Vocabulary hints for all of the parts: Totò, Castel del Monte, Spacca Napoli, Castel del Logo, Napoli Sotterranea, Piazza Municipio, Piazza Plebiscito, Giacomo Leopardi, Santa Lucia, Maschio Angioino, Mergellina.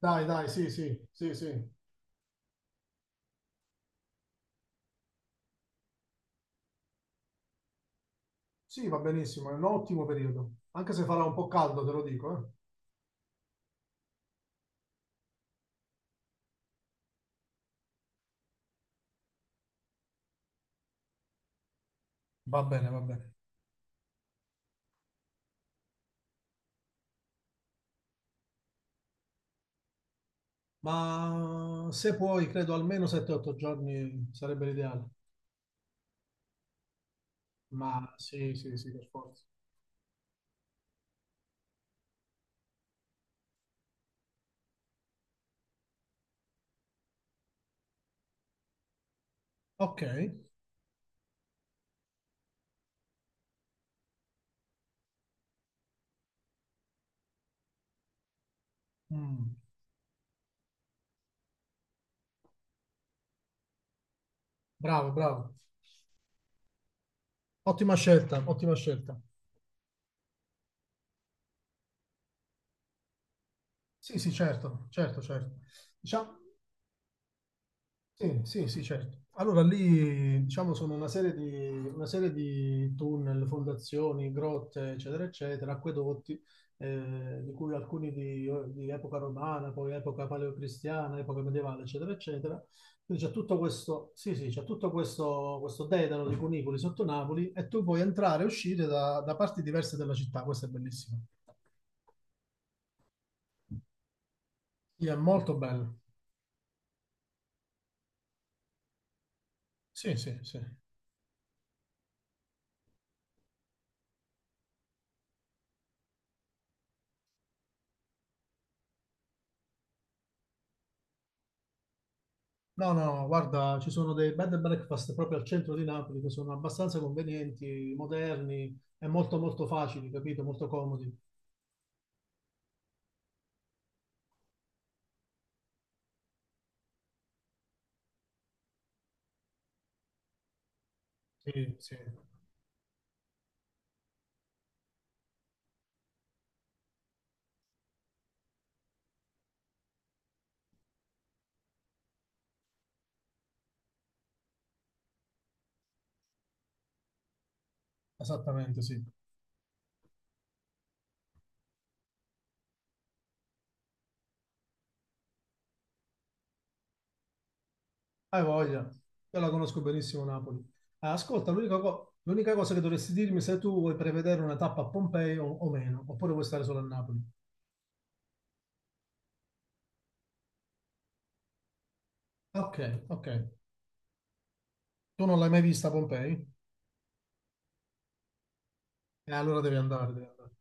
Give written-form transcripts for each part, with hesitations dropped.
Dai, dai, sì, sì, sì, sì. Sì, va benissimo, è un ottimo periodo. Anche se farà un po' caldo, te lo dico, eh. Va bene, va bene. Ma se puoi, credo almeno 7-8 giorni sarebbe l'ideale. Ma sì, sì, sì, per forza. Ok. Mm, bravo, bravo. Ottima scelta, ottima scelta. Sì, sì, certo, certo, certo. Diciamo, sì, sì, sì, certo. Allora lì, diciamo, sono una serie di tunnel, fondazioni, grotte, eccetera, eccetera, acquedotti, di cui alcuni di epoca romana, poi epoca paleocristiana, epoca medievale, eccetera, eccetera. Quindi c'è tutto questo, sì, sì, c'è tutto questo dedalo di cunicoli sotto Napoli e tu puoi entrare e uscire da parti diverse della città. Questo è bellissimo. Sì, è molto bello. Sì, sì, sì. No, no, no, guarda, ci sono dei bed and breakfast proprio al centro di Napoli che sono abbastanza convenienti, moderni e molto molto facili, capito? Molto comodi. Sì, sì, esattamente, sì. Hai voglia, io la conosco benissimo Napoli. Ah, ascolta, l'unica cosa che dovresti dirmi è se tu vuoi prevedere una tappa a Pompei o meno, oppure vuoi stare solo a Napoli. Ah, ok, ok. Tu non l'hai mai vista a Pompei? E allora devi andare, devi andare.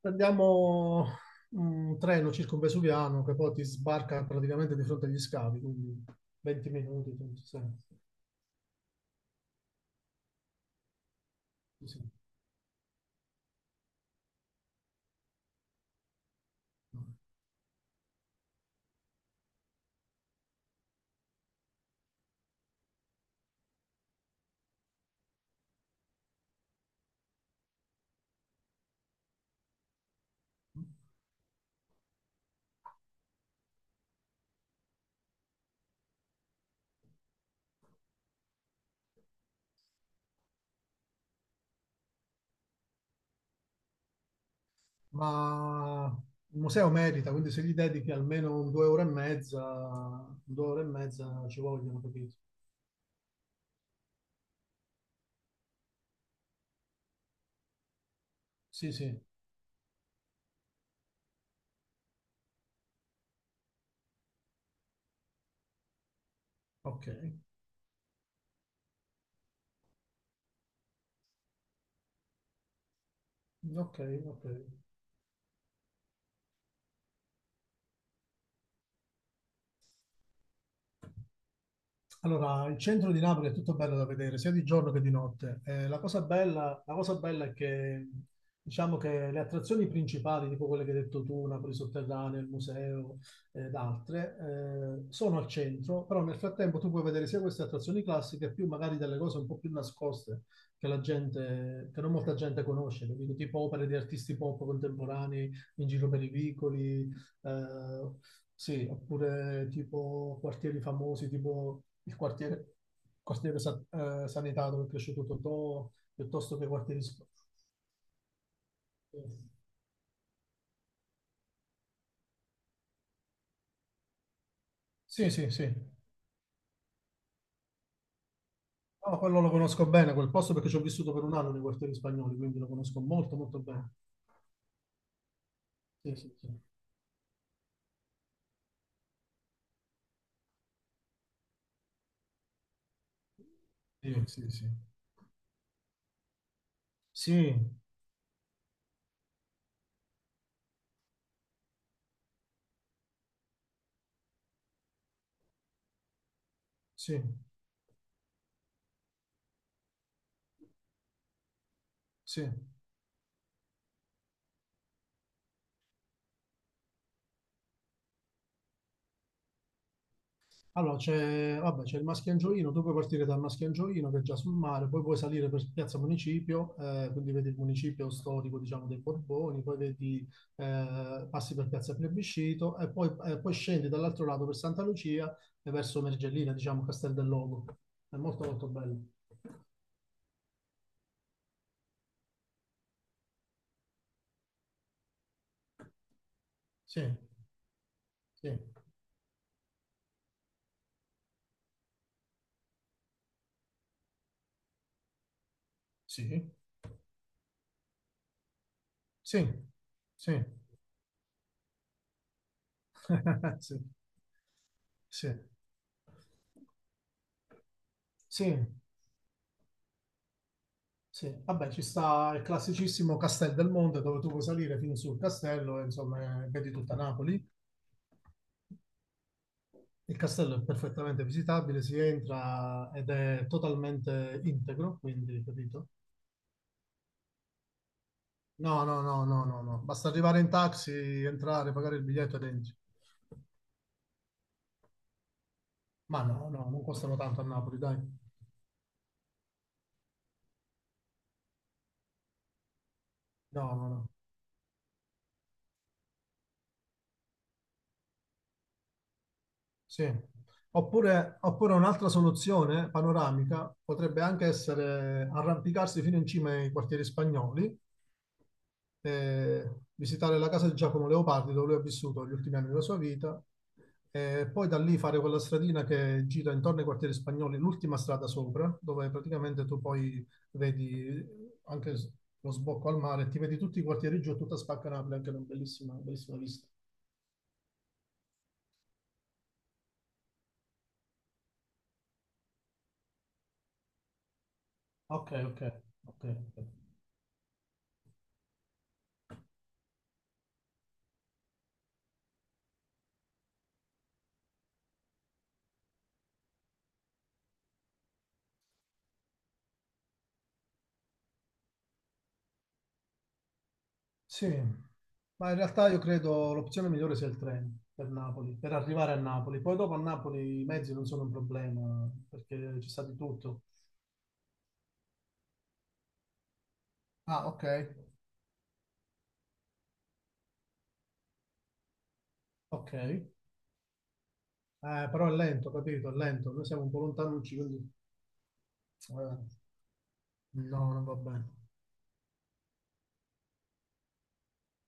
Prendiamo un treno circumvesuviano che poi ti sbarca praticamente di fronte agli scavi, quindi 20 minuti. 30 secondi, così. Ma il museo merita, quindi se gli dedichi almeno un 2 ore e mezza, 2 ore e mezza ci vogliono, capito? Sì, sì, ok, ok, ok. Allora, il centro di Napoli è tutto bello da vedere, sia di giorno che di notte. La cosa bella, la cosa bella è che, diciamo che le attrazioni principali, tipo quelle che hai detto tu, Napoli Sotterranea, il museo ed altre, sono al centro, però nel frattempo tu puoi vedere sia queste attrazioni classiche, più magari delle cose un po' più nascoste che la gente, che non molta gente conosce, capito? Tipo opere di artisti pop contemporanei in giro per i vicoli, eh, sì, oppure tipo quartieri famosi, tipo il quartiere Sanità dove è cresciuto Totò, piuttosto che quartieri. Sì, sì, sì. No, quello lo conosco bene, quel posto perché ci ho vissuto per un anno nei quartieri spagnoli, quindi lo conosco molto, molto bene. Sì, sì, sì. Sì, sì, sì. Sì, sì, sì. Allora, c'è vabbè, c'è il Maschio Angioino, tu puoi partire dal Maschio Angioino che è già sul mare, poi puoi salire per Piazza Municipio, quindi vedi il municipio storico, diciamo, dei Borboni, poi vedi, passi per Piazza Plebiscito e poi scendi dall'altro lato per Santa Lucia e verso Mergellina, diciamo, Castel del Logo. È molto molto bello. Sì, sì, sì, sì, sì, sì, sì. Sì. Sì, vabbè, ci sta il classicissimo Castel del Monte dove tu puoi salire fino sul castello e insomma vedi tutta Napoli. Il castello è perfettamente visitabile, si entra ed è totalmente integro, quindi capito? No, no, no, no, no, no. Basta arrivare in taxi, entrare, pagare il biglietto ed entri. Ma no, no, non costano tanto a Napoli, dai. No, no, no. Sì. Oppure un'altra soluzione panoramica potrebbe anche essere arrampicarsi fino in cima ai quartieri spagnoli visitare la casa di Giacomo Leopardi dove lui ha vissuto gli ultimi anni della sua vita e poi da lì fare quella stradina che gira intorno ai quartieri spagnoli, l'ultima strada sopra, dove praticamente tu poi vedi anche lo sbocco al mare, ti vedi tutti i quartieri giù, tutta Spacca Napoli, anche una bellissima, bellissima vista. Ok, ok, ok. Ok. Sì, ma in realtà io credo l'opzione migliore sia il treno per Napoli, per arrivare a Napoli. Poi dopo a Napoli i mezzi non sono un problema, perché ci sta di tutto. Ah, ok. Ok. Però è lento, capito? È lento. Noi siamo un po' lontanucci, quindi eh, no, non va bene.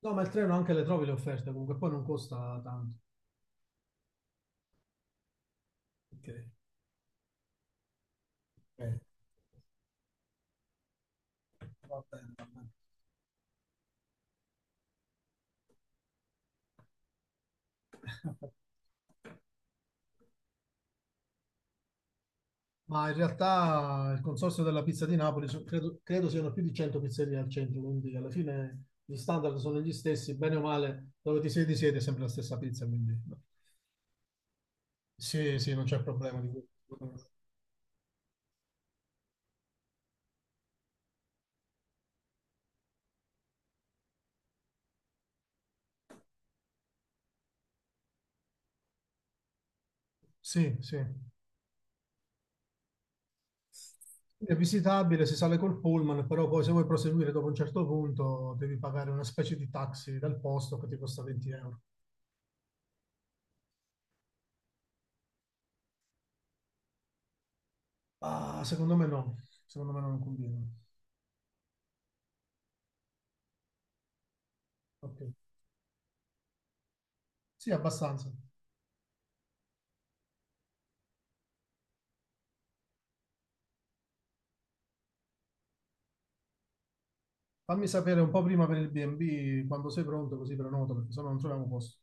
No, ma il treno anche le trovi le offerte, comunque poi non costa tanto. Ok. Ok. Va bene, va bene. Ma in realtà il consorzio della pizza di Napoli credo siano più di 100 pizzerie al centro, quindi alla fine gli standard sono gli stessi, bene o male, dove ti siedi siete sempre la stessa pizza, quindi no. Sì, sì, non c'è problema di quello. Sì, sì. È visitabile, si sale col pullman, però poi se vuoi proseguire dopo un certo punto devi pagare una specie di taxi dal posto che ti costa 20 euro. Ah, secondo me no, secondo me non conviene. Ok. Sì, abbastanza. Fammi sapere un po' prima per il B&B quando sei pronto, così prenoto, perché sennò non troviamo posto.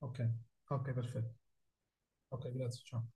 Ok, ok, perfetto. Ok, grazie, ciao.